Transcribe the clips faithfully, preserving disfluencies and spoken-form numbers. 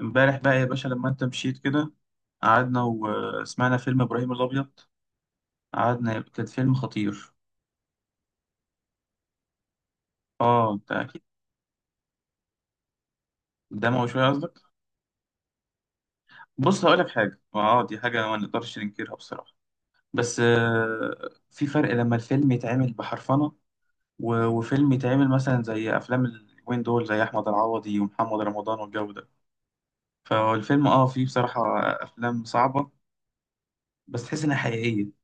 امبارح بقى يا باشا، لما انت مشيت كده قعدنا وسمعنا فيلم ابراهيم الابيض. قعدنا، كان فيلم خطير. اه، انت اكيد. دموي شويه قصدك؟ بص، هقول لك حاجه. اه دي حاجه ما نقدرش ننكرها بصراحه. بس آه في فرق لما الفيلم يتعمل بحرفنه، و- وفيلم يتعمل مثلا زي افلام اليومين دول، زي احمد العوضي ومحمد رمضان والجو ده. فالفيلم اه فيه بصراحه افلام صعبه، بس تحس انها حقيقيه.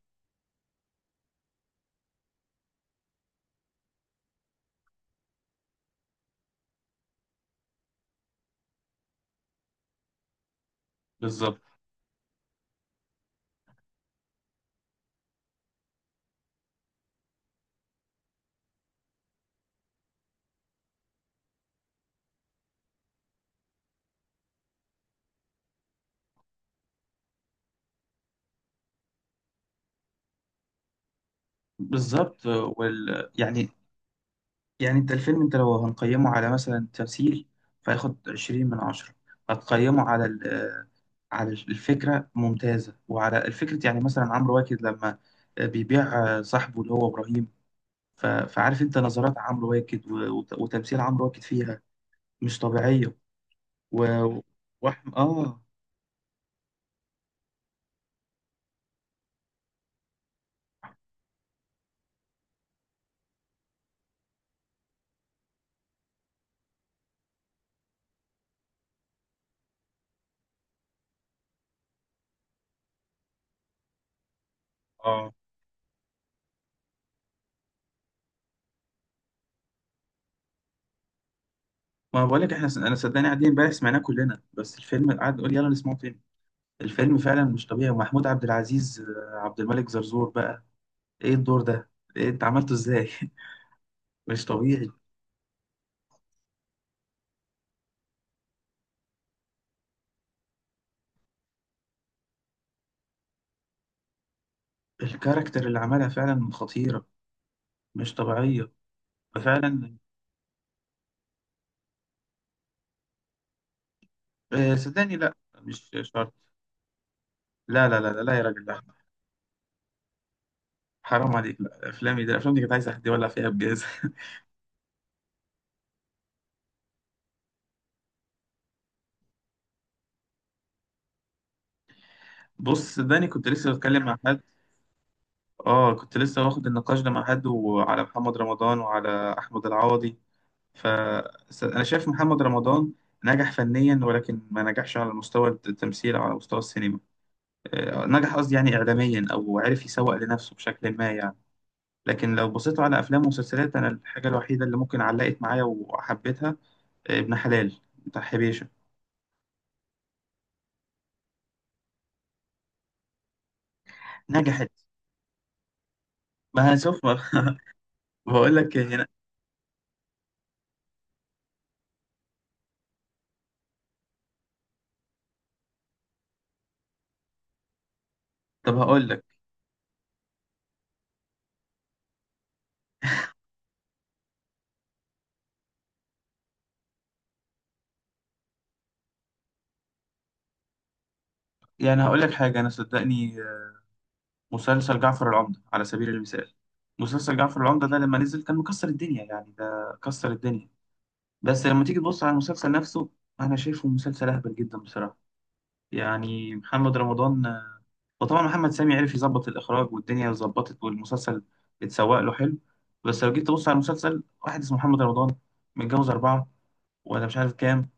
بالظبط. بالظبط. وال... يعني. يعني انت الفيلم انت لو هنقيمه على مثلا تمثيل، فياخد عشرين من عشرة. هتقيمه على ال- على الفكرة ممتازة، وعلى الفكرة يعني مثلا عمرو واكد لما بيبيع صاحبه اللي هو إبراهيم. ف- فعارف انت نظرات عمرو واكد، و- وت- وتمثيل عمرو واكد فيها مش طبيعية. و... وأحم... اه اه ما بقولك احنا، س... انا صدقني قاعدين امبارح سمعناه كلنا، بس الفيلم قعد نقول يلا نسمعه تاني. الفيلم فعلا مش طبيعي، ومحمود عبد العزيز، آه، عبد الملك زرزور بقى ايه الدور ده؟ إيه انت عملته ازاي؟ مش طبيعي. الكاركتر اللي عملها فعلا خطيرة. مش طبيعية. ففعلا. آه، صدقني لا، مش شرط. لا لا لا لا، لا يا راجل، لا. حرام عليك! لا، افلامي ده افلامي دي كانت عايزة حد يولع فيها بجاز. بص، صدقني كنت لسه بتكلم مع حد. اه، كنت لسه واخد النقاش ده مع حد، وعلى محمد رمضان وعلى احمد العوضي. ف س- انا شايف محمد رمضان نجح فنيا، ولكن ما نجحش على مستوى التمثيل او على مستوى السينما. آه، نجح قصدي يعني إعلاميا، أو عرف يسوق لنفسه بشكل ما يعني. لكن لو بصيتوا على أفلام ومسلسلات، أنا الحاجة الوحيدة اللي ممكن علقت معايا وحبيتها آه، ابن حلال بتاع حبيشة. نجحت. ما هشوف. بقول لك إيه هنا. طب، هقول لك. يعني هقول لك حاجة. أنا صدقني، آه، مسلسل جعفر العمدة على سبيل المثال. مسلسل جعفر العمدة ده لما نزل كان مكسر الدنيا، يعني ده كسر الدنيا. بس لما تيجي تبص على المسلسل نفسه، أنا شايفه مسلسل أهبل جدا بصراحة. يعني محمد رمضان، آه، وطبعا محمد سامي عرف يظبط الإخراج والدنيا ظبطت والمسلسل اتسوق له حلو. بس لو جيت تبص على المسلسل، واحد اسمه محمد رمضان متجوز أربعة، ولا مش عارف كام،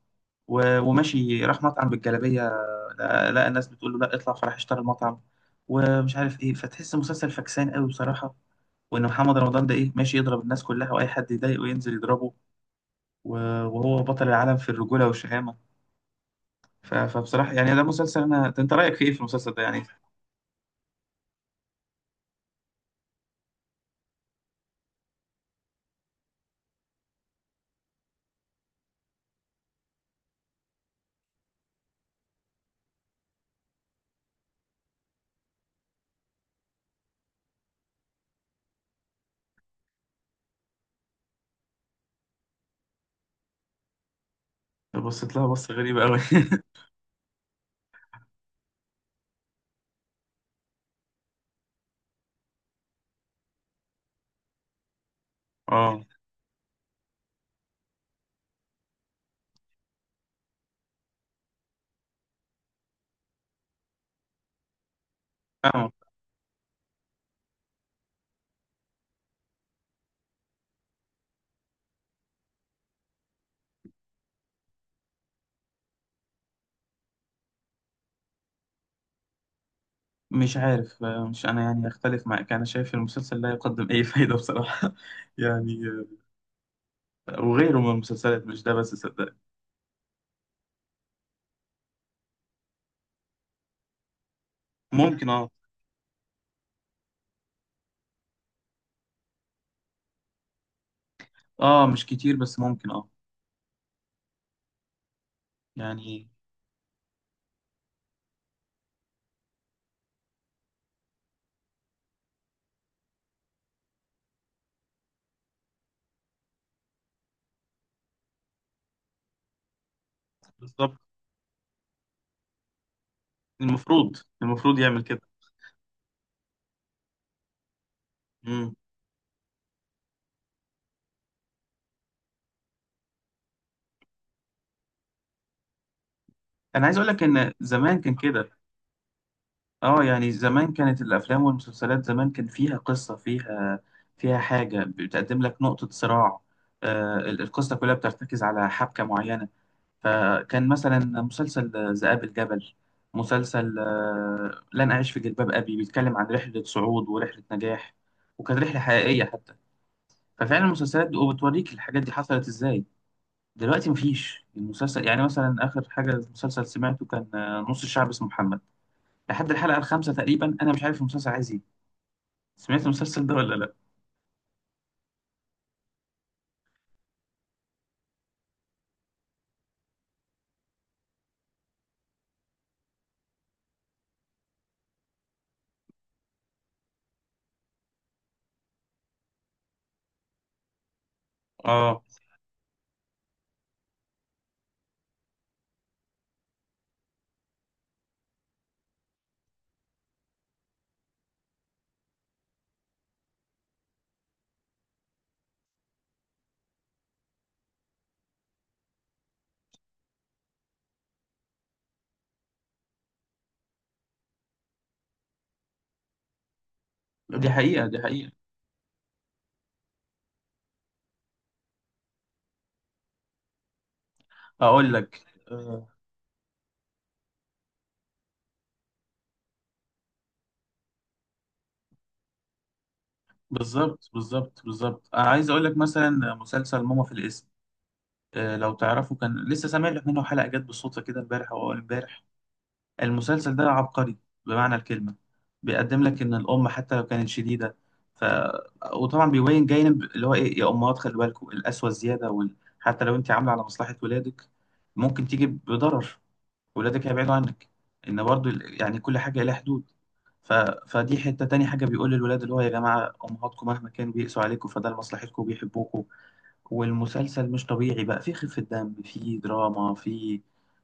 و- وماشي راح مطعم بالجلابية، لقى لقى الناس بتقول له لا اطلع، فراح اشترى المطعم ومش عارف ايه. فتحس مسلسل فكسان قوي بصراحة، وان محمد رمضان ده ايه، ماشي يضرب الناس كلها، واي حد يضايقه ينزل يضربه، و- وهو بطل العالم في الرجولة والشهامة. ف- فبصراحة يعني ده مسلسل. أنا ده أنت رأيك في إيه في المسلسل ده يعني؟ بصيت لها بصة غريبة أوي. أه. فاهمك. مش عارف، آه، مش أنا يعني أختلف معاك، أنا شايف المسلسل لا يقدم أي فايدة بصراحة. يعني آه، وغيره من المسلسلات، مش ده بس، صدق. ممكن أه. أه، مش كتير بس ممكن أه. يعني. بالظبط. المفروض المفروض يعمل كده. مم. أنا عايز أقول لك إن زمان كان كده. اه، يعني زمان كانت الافلام والمسلسلات، زمان كان فيها قصه، فيها فيها حاجه بتقدم لك نقطه صراع. آه ال- القصه كلها بترتكز على حبكه معينه. فكان مثلا مسلسل ذئاب الجبل، مسلسل آه لن اعيش في جلباب ابي بيتكلم عن رحله صعود ورحله نجاح، وكانت رحله حقيقيه حتى. ففعلا المسلسلات دي وبتوريك الحاجات دي حصلت ازاي. دلوقتي مفيش. المسلسل يعني مثلا، اخر حاجه مسلسل سمعته كان آه، نص الشعب اسمه محمد. لحد الحلقه الخامسه تقريبا، انا مش عارف المسلسل عايز ايه. سمعت المسلسل ده ولا لا؟ اه، دي حقيقه، دي حقيقه. اقول لك آه، بالظبط بالظبط بالظبط، انا عايز اقول لك مثلا مسلسل ماما في الاسم. آه، لو تعرفه كان لسه سامع لك منه حلقه جت بالصدفه كده، امبارح او اول امبارح. المسلسل ده عبقري بمعنى الكلمه. بيقدم لك ان الام حتى لو كانت شديده. ف وطبعا بيبين جانب اللي هو ايه يا امهات، خلي بالكم القسوه الزياده، وال... حتى لو انت عامله على مصلحه ولادك ممكن تيجي بضرر. ولادك هيبعدوا عنك. ان برضو ال- يعني كل حاجه لها حدود. ف... فدي حته. تاني حاجه بيقول للولاد اللي هو يا جماعه، امهاتكم مهما كان بيقسوا عليكم فده لمصلحتكم، بيحبوكوا. والمسلسل مش طبيعي بقى، في خفه دم، في دراما، في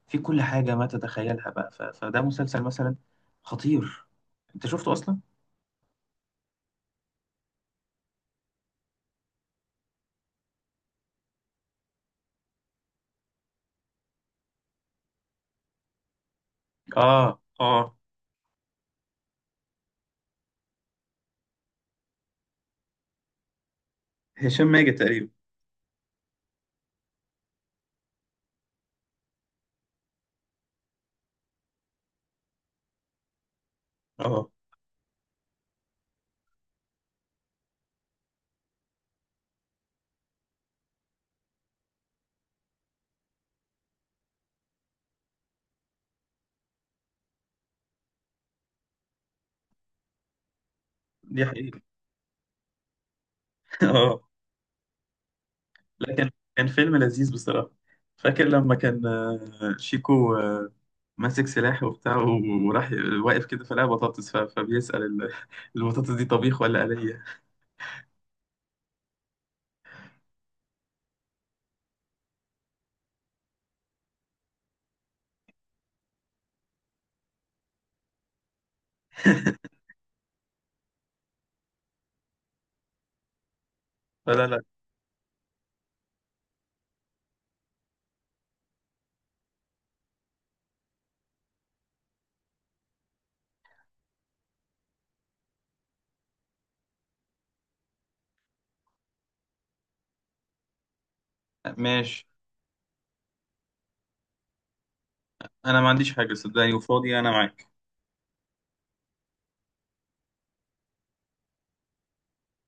في كل حاجه ما تتخيلها بقى. ف... فده مسلسل مثلا خطير. انت شفته اصلا؟ اه، اه. هشام ماجد تقريبا. اه، دي حقيقة. اه. لا، كان كان فيلم لذيذ بصراحة. فاكر لما كان آه، شيكو آه، ماسك سلاح وبتاع، و- وراح ي- واقف كده فلقى بطاطس، ف- فبيسأل ال- البطاطس دي طبيخ ولا آلية؟ فلا، لا. ماشي. انا ما عنديش حاجة صدقني، وفاضي انا معاك.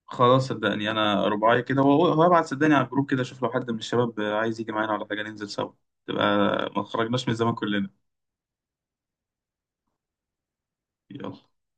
خلاص، صدقني انا رباعي كده. وابعت صدقني على الجروب كده، اشوف لو حد من الشباب عايز يجي معانا ولا حاجة ننزل سوا. تبقى ما خرجناش من زمان كلنا. يلا.